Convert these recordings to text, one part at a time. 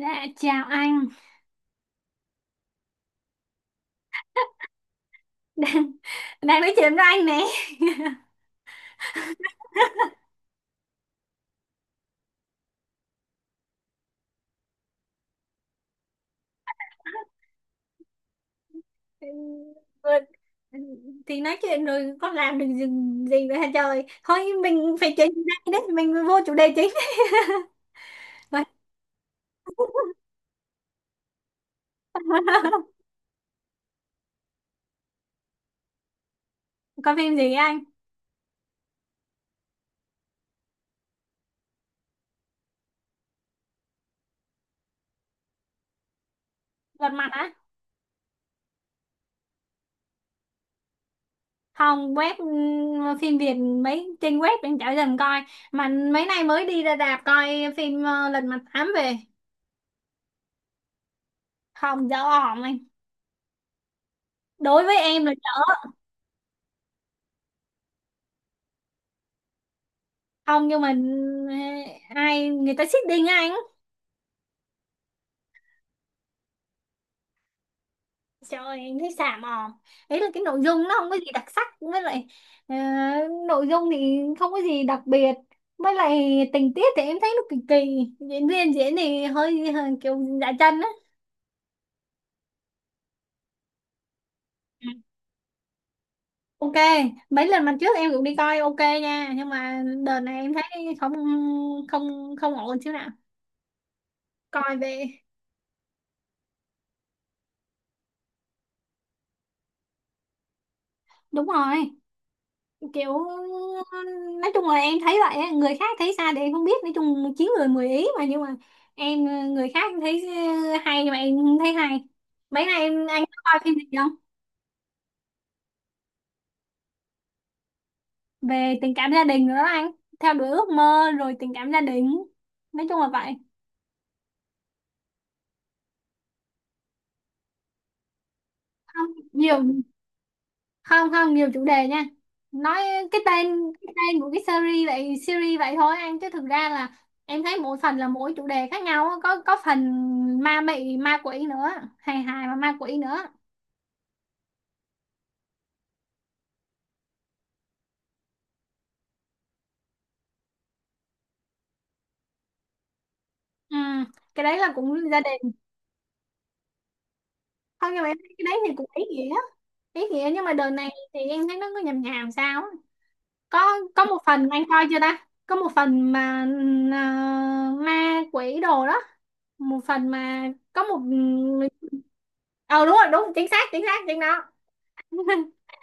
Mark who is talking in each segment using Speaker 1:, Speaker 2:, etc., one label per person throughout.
Speaker 1: Dạ, chào anh. Đang đang nói chuyện với anh nè. Vừa- thì nói chuyện rồi có làm được gì nữa hả trời. Thôi mình phải chuyển chủ đề đấy, mình vô chủ đề chính. Vậy. Có phim gì anh? Lật Mặt á. Không, web phim Việt mấy trên web mình chả dần coi mà. Mấy nay mới đi ra rạp coi phim Lật Mặt Tám về. Không, dở ỏm anh, đối với em là dở. Không nhưng mà ừ, ai người ta xích đinh á anh. Trời ơi, em thấy xàm òm. Đấy là cái nội dung nó không có gì đặc sắc, với lại ờ, nội dung thì không có gì đặc biệt. Với lại tình tiết thì em thấy nó kỳ kỳ, diễn viên diễn thì hơi kiểu dạ chân á. Ừ. Ok, mấy lần lần trước em cũng đi coi ok nha, nhưng mà đợt này em thấy không không không ổn xíu nào. Coi về. Đúng rồi, kiểu nói chung là em thấy vậy á, người khác thấy sao thì em không biết, nói chung chín người mười ý mà, nhưng mà em người khác thấy hay nhưng mà em không thấy hay. Mấy nay em, anh có coi phim gì không? Về tình cảm gia đình nữa đó anh, theo đuổi ước mơ rồi tình cảm gia đình, nói chung là vậy. Không nhiều không không nhiều chủ đề nha. Nói cái tên cái tên của cái series vậy, series vậy thôi anh chứ thực ra là em thấy mỗi phần là mỗi chủ đề khác nhau á. Có phần ma mị ma quỷ nữa, hài hài và ma quỷ nữa. Ừ, cái đấy là cũng gia đình. Không nhưng mà em thấy cái đấy thì cũng ý nghĩa, ý nghĩa nhưng mà đợt này thì em thấy nó cứ nhàm nhàm sao á. Có một phần anh coi chưa ta, có một phần mà ma quỷ đồ đó, một phần mà có một người. Ờ đúng rồi, đúng, chính xác chính xác chính đó.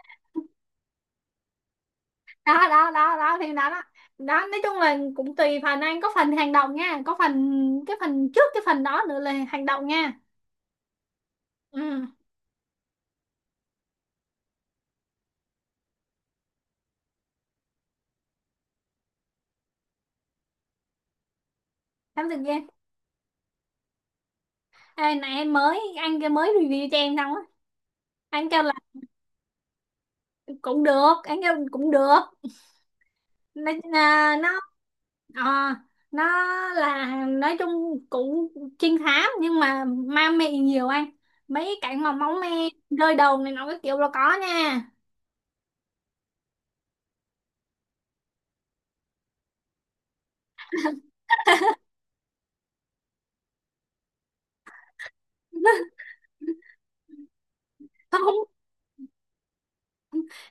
Speaker 1: Đó đó đó đó thì đó đó đó, nói chung là cũng tùy phần anh, có phần hành động nha, có phần, cái phần trước cái phần đó nữa là hành động nha. Ừ. Thám tử Kiên. Ê, này em mới anh kia mới review cho em xong á. Anh kêu là cũng được, anh kêu cũng được. Nó à, nó ờ, nó là nói chung cũng trinh thám nhưng mà ma mị nhiều anh, mấy cảnh mà máu me rơi đầu này nó cái kiểu là có nha. Không,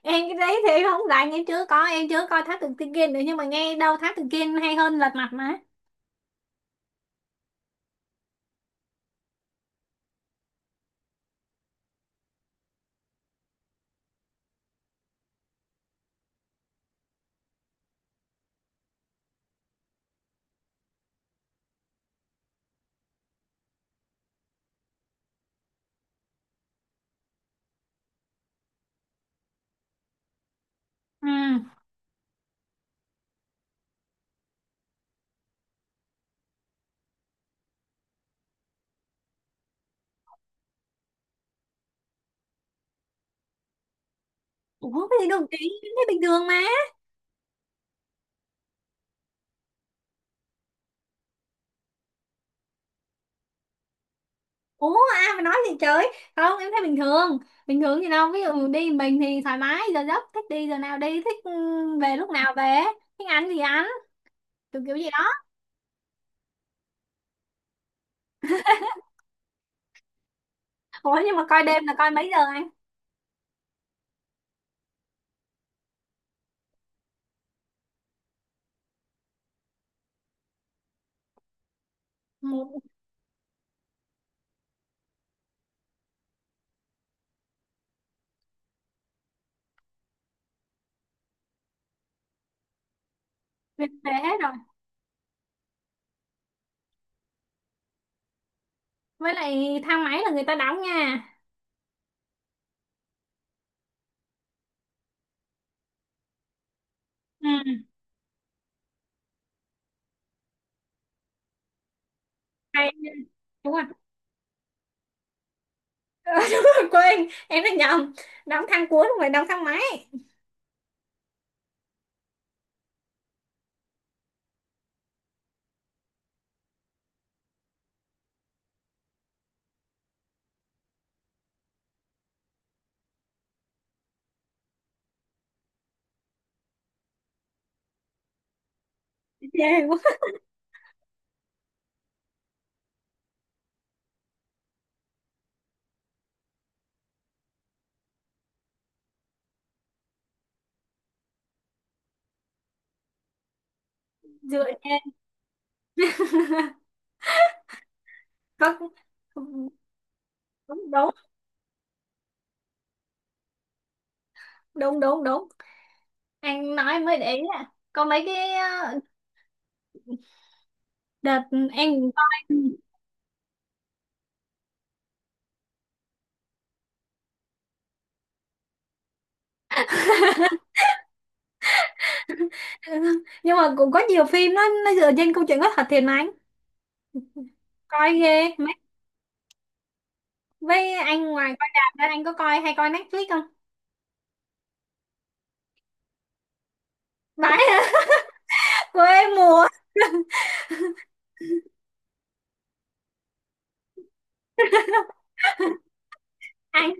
Speaker 1: em cái đấy thì em không rảnh, em chưa có em chưa coi Thám Tử Kiên nữa nhưng mà nghe đâu Thám Tử Kiên hay hơn Lật Mặt mà. Ừ. Ủa cái gì đâu chị, em thấy bình thường mà. Ủa ai mà nói gì trời, không em thấy bình thường, bình thường gì đâu, ví dụ đi mình thì thoải mái giờ giấc, thích đi giờ nào đi, thích về lúc nào về, thích ăn gì ăn kiểu kiểu gì đó. Ủa nhưng mà coi đêm là coi mấy giờ anh? Một. Về về hết rồi. Với lại thang máy là người ta đóng nha. Ừ. Hay. Đúng rồi. Đúng rồi, quên, em đã nhầm, đóng thang cuốn không phải đóng thang máy. Ghê quá. Dựa trên. Có. Đúng. Đúng đúng đúng, đúng anh nói mới để ý. À có mấy cái đợt em coi. Nhưng mà cũng có nhiều phim nó dựa trên câu chuyện có thật thiệt mà anh, coi ghê mấy. Với anh ngoài coi rạp ra anh có coi hay coi Netflix không? Vãi. Hả? Quê mùa. Anh.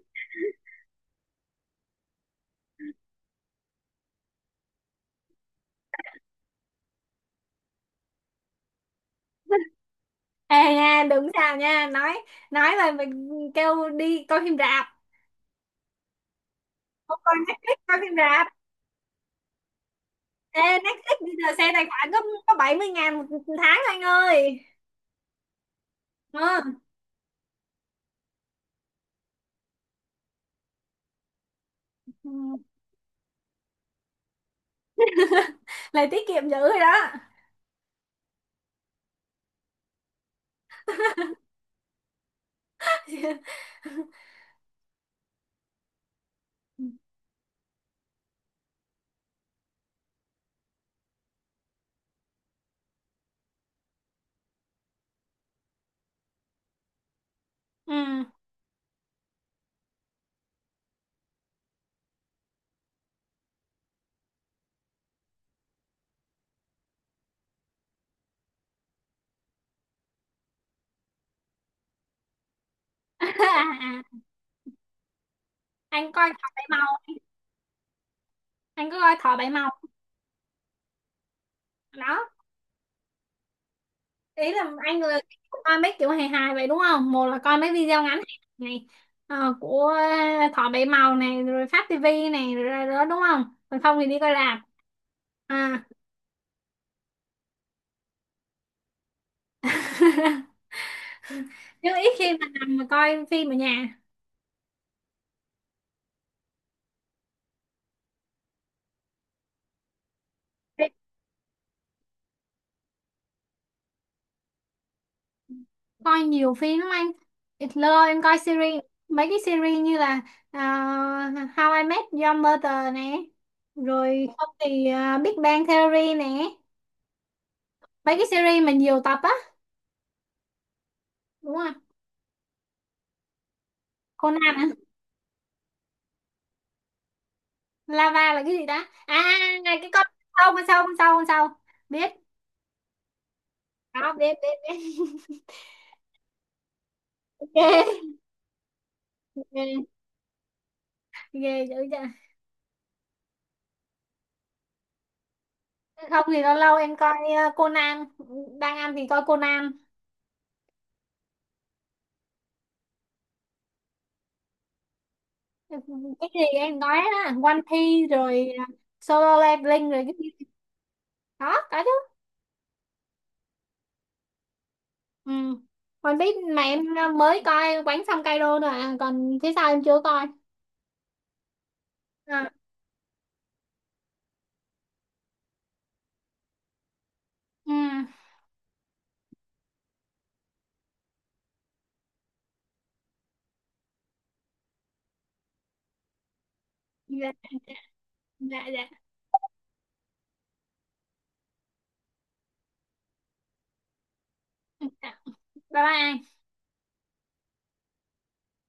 Speaker 1: Ê nha đúng sao nha, nói là mình kêu đi coi phim rạp. Không coi Netflix coi phim rạp. Ê Netflix bây giờ xe tài khoản có 70.000 một tháng anh ơi. Ờ. Ừ. Lại tiết kiệm dữ rồi đó. Ừ. À, à. Anh coi Thỏ Bảy Màu, anh có coi Thỏ Bảy Màu. Đó. Ý là anh là coi mấy kiểu hài hài vậy đúng không? Một là coi mấy video ngắn này của Thỏ Bảy Màu này rồi Phát TV này rồi rồi đó đúng không? Còn không thì đi coi rạp. À. Nhưng ít khi mà nằm mà coi phim ở nhà. Coi nhiều phim lắm anh, lâu em coi series, mấy cái series như là à, How I Met Your Mother nè, rồi không thì Big Bang Theory nè, mấy cái series mà nhiều tập á. Đúng rồi. Conan hả? Lava là cái gì đó cái con sâu con sâu con sâu con sâu. Biết đó, biết biết biết. Ghê ghê ghê dữ chưa. Không thì lâu lâu em coi Conan, đang ăn thì coi Conan. Cái gì em nói đó One Piece rồi Solo Leveling rồi cái gì. Đó có chứ. Ừ. One Piece mà em mới coi Quánh xong Kaido rồi à. Còn phía sau em chưa coi. À. Ừ. Dạ dạ dạ. Dạ. Bye bye.